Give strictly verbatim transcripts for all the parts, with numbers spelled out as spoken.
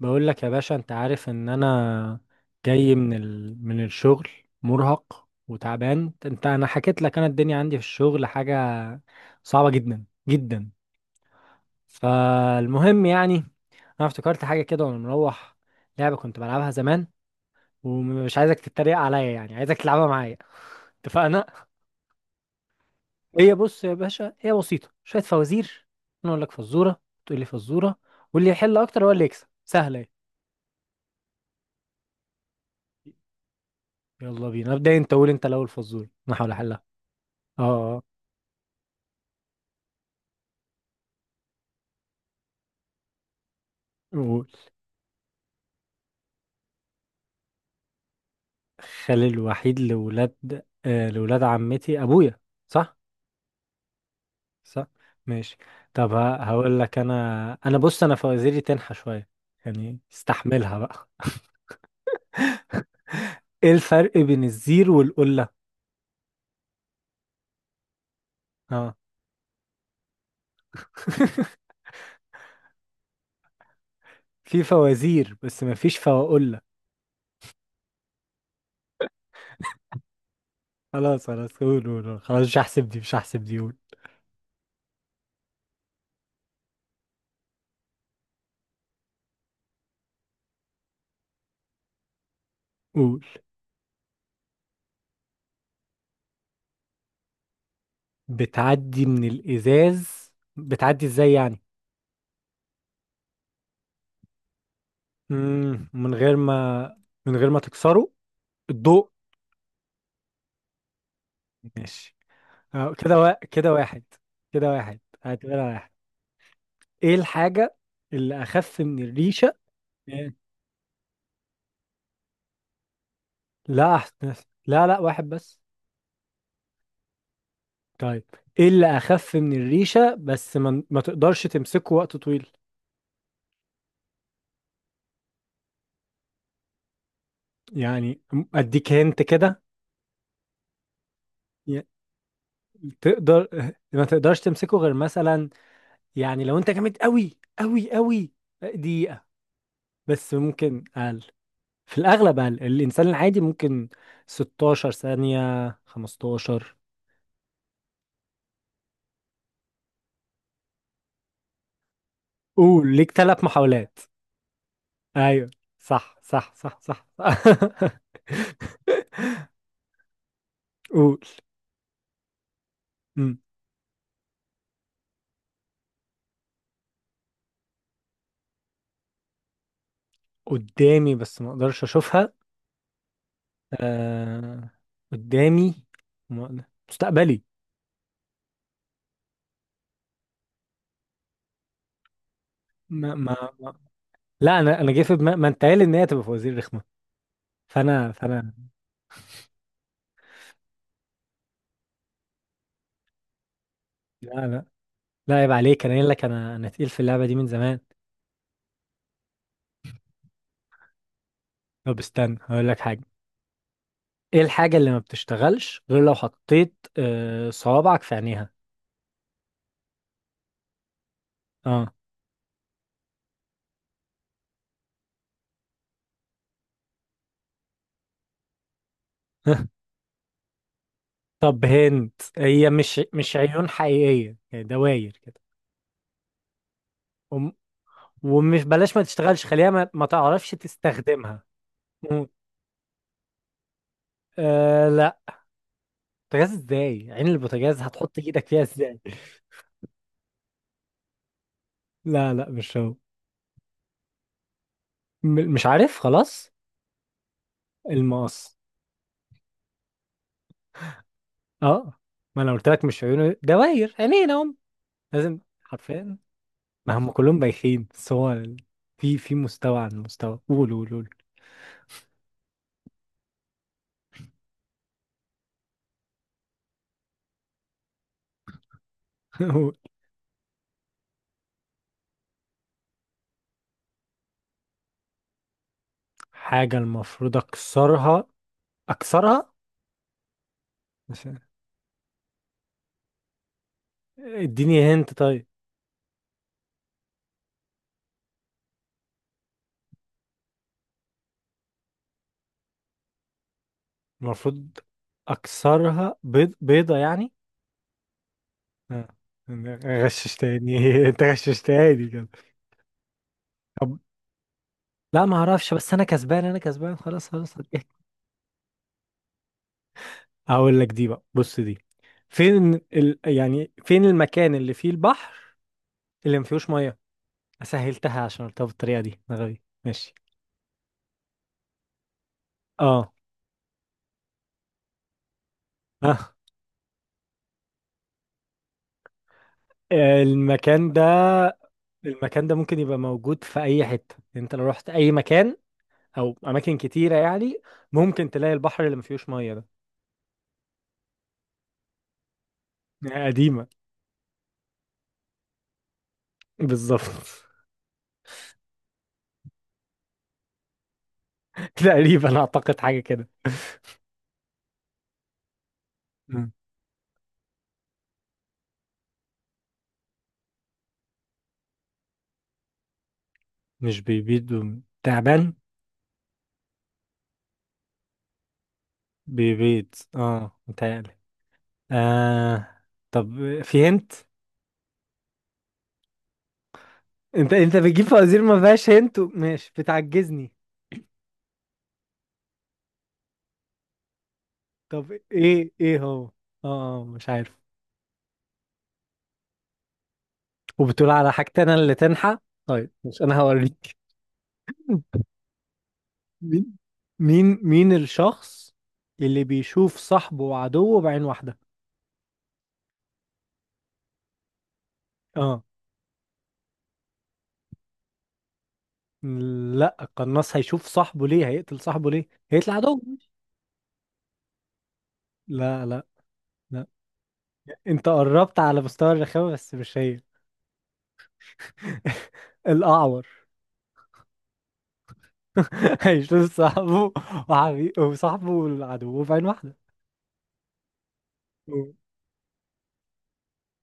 بقول لك يا باشا، انت عارف ان انا جاي من ال... من الشغل مرهق وتعبان. انت، انا حكيت لك، انا الدنيا عندي في الشغل حاجة صعبة جدا جدا. فالمهم، يعني انا افتكرت حاجة كده وانا مروح، لعبة كنت بلعبها زمان. ومش عايزك تتريق عليا، يعني عايزك تلعبها معايا، اتفقنا؟ هي، بص يا باشا، هي بسيطة، شوية فوازير. انا اقول لك فزورة، تقول لي فزورة، واللي يحل اكتر هو اللي يكسب. سهلة اهي. يلا بينا، ابدا انت، قول انت الاول فزورة، انا هحاول احل. اه، قول. خالي الوحيد لولاد آه لولاد عمتي ابويا. صح. صح. ماشي. طب، ه- هقول لك انا انا بص، انا فوازيري تنحى شويه، يعني استحملها بقى. ايه الفرق بين الزير والقله؟ اه. في فوازير، بس ما فيش فواقله. خلاص خلاص، قول قول قول. خلاص مش هحسب دي، مش هحسب دي، قول. قول. بتعدي من الازاز. بتعدي ازاي يعني؟ مم. من غير ما من غير ما تكسره. الضوء. ماشي. اه، كده وا... كده واحد. كده واحد. اعتبرها واحد. ايه الحاجة اللي اخف من الريشة؟ إيه؟ لا، أحسن. لا، لا، واحد بس. طيب، ايه اللي اخف من الريشة بس ما, ما تقدرش تمسكه وقت طويل؟ يعني م- اديك هنت كده. ي- تقدر ما تقدرش تمسكه غير مثلا، يعني لو انت جامد قوي قوي قوي دقيقة، بس ممكن اقل. في الاغلب اقل، الانسان العادي ممكن ستاشر ثانية، خمستاشر. قول ليك ثلاث محاولات. ايوه. صح صح صح صح. قول. مم. قدامي بس ما اقدرش اشوفها. آه... قدامي ما- مستقبلي. ما... ما... ما... لا، انا انا جاي في دماغي ما انت قايل ان هي تبقى فوازير رخمه، فانا فانا. لا، لا لا عيب عليك، انا قايل لك، انا انا تقيل في اللعبه دي من زمان. طب استنى، هقول لك حاجه. ايه الحاجه اللي ما بتشتغلش غير لو حطيت آه، صوابعك في عينيها؟ اه. طب هنت، هي مش مش عيون حقيقية، هي دواير كده. وم- ومش بلاش ما تشتغلش، خليها ما, ما تعرفش تستخدمها. مم. آه لا، بوتاجاز ازاي؟ عين البوتاجاز هتحط ايدك فيها ازاي؟ لا، لا، مش هو. م- مش عارف، خلاص. المقص. اه، ما انا قلت لك مش عيون، دواير عينين اهم، لازم حرفيا. ما هم كلهم بايخين، بس هو ال- في في مستوى عن مستوى. قول قول قول. قول. حاجة المفروض اكسرها اكسرها اديني هنت طيب. المفروض اكسرها. بيض، بيضة يعني. آه. غششتني، انت غششتني كده. طب لا، ما اعرفش، بس انا كسبان، انا كسبان، خلاص خلاص. هقول لك دي بقى، بص دي. فين ال... يعني فين المكان اللي فيه البحر اللي ما فيهوش ميه؟ سهلتها عشان قلتها بالطريقة دي، أنا غبي، ماشي. اه. اه. المكان ده المكان ده ممكن يبقى موجود في اي حتة، انت لو رحت اي مكان او اماكن كتيره يعني، ممكن تلاقي البحر اللي ما فيهوش ميه ده. قديمه. بالظبط. تقريبا، اعتقد حاجه كده. مم. مش بيبيض، وم- تعبان؟ بيبيض، اه، متهيألي. آه. طب في هنت؟ انت انت بتجيب فوازير ما فيهاش هنت و- ماشي، بتعجزني. طب، ايه ايه هو؟ اه. آه، مش عارف. وبتقول على حاجتي انا اللي تنحى؟ طيب، مش انا هوريك. مين. مين مين الشخص اللي بيشوف صاحبه وعدوه بعين واحدة؟ اه لا، القناص هيشوف صاحبه ليه؟ هيقتل صاحبه ليه؟ هيطلع عدو. لا، لا، لا. انت قربت على مستوى الرخامة، بس مش هي. الأعور. هيشوف صاحبه، وحبي... وصاحبه وعدوه بعين واحدة.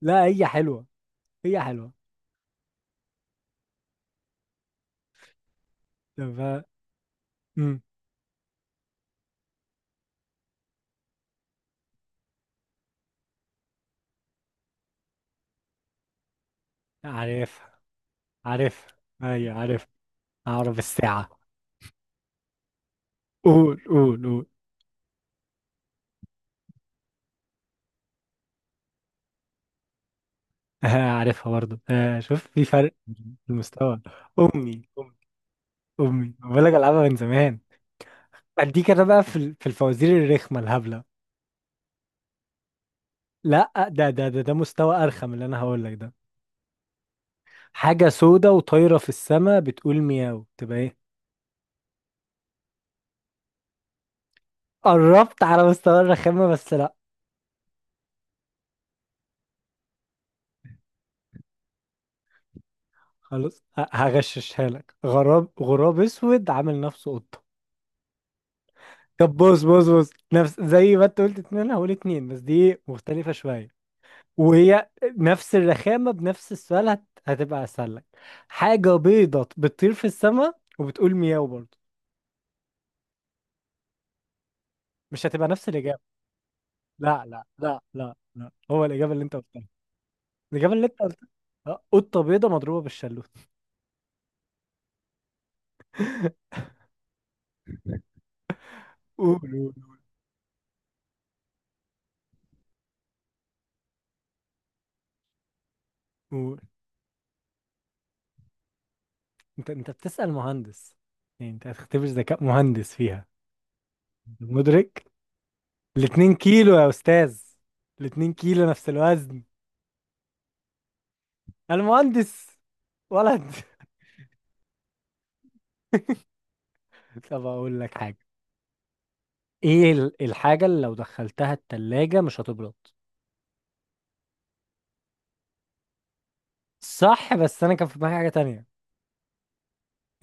لا، هي حلوة. هي حلوة. ف... مم. عارفها. عارفها. أيوة عارفها. أعرف الساعة. قول قول قول. عارفها برضه. آه، شوف في فرق في المستوى. امي. امي. امي، بقول لك العبها من زمان. اديك انا بقى في ال- في الفوازير الرخمه الهبله. لا، ده ده ده ده مستوى ارخم اللي انا هقول لك ده. حاجه سودة وطايره في السماء بتقول مياو، تبقى ايه؟ قربت على مستوى الرخامه، بس لا. خلاص ه- هغششها لك. غراب غراب اسود عامل نفسه قطه. طب بص بص بص، نفس زي ما انت قلت اتنين، أنا هقول اتنين، بس دي مختلفه شويه، وهي نفس الرخامة بنفس السؤال، هت... هتبقى أسهل لك. حاجة بيضة بتطير في السماء وبتقول مياو برضه، مش هتبقى نفس الإجابة؟ لا، لا، لا، لا، لا، هو الإجابة اللي أنت قلتها. الإجابة اللي أنت قلتها. آه، قطة بيضة مضروبة بالشلوت. قول قول قول. أنت أنت بتسأل مهندس، يعني أنت هتختبر ذكاء مهندس فيها؟ مدرك. الاتنين كيلو يا أستاذ، الاتنين كيلو نفس الوزن. أنا مهندس ولد. طب أقول لك حاجة. ايه ال- الحاجة اللي لو دخلتها التلاجة مش هتبرد؟ صح، بس انا كان في دماغي حاجة تانية.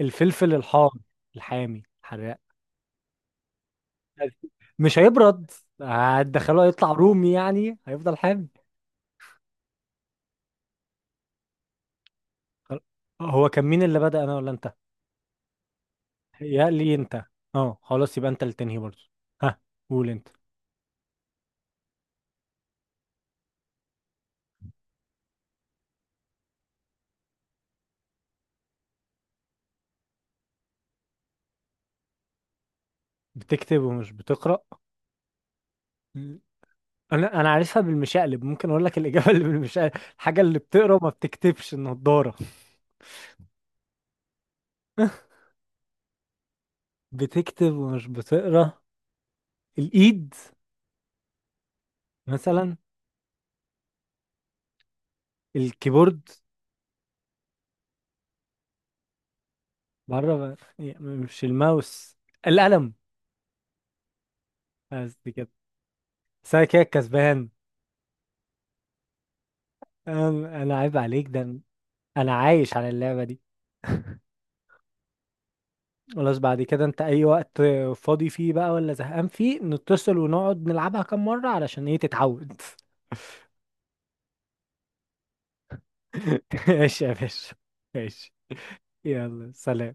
الفلفل الحار، الحامي حراق، مش هيبرد. هتدخله هيطلع رومي، يعني هيفضل حامي. خل- هو كان مين اللي بدأ، انا ولا انت؟ يا لي انت. اه، خلاص، يبقى انت اللي تنهي برضه. ها، قول انت. بتكتب ومش بتقرأ. مم. انا انا عارفها بالمشقلب. ممكن اقول لك الاجابه اللي بالمشقلب. الحاجه اللي بتقرا وما بتكتبش، النضاره. بتكتب ومش بتقرا. الايد. مثلا. الكيبورد. بره. مش الماوس. القلم. قصدي كده، بس انا كده كسبان. انا أنا، عيب عليك، ده أنا. أنا عايش على اللعبة دي. خلاص، بعد كده انت اي وقت فاضي فيه بقى، ولا زهقان فيه، نتصل ونقعد نلعبها كام مرة علشان ايه؟ تتعود. ماشي يا باشا. ماشي. يلا سلام.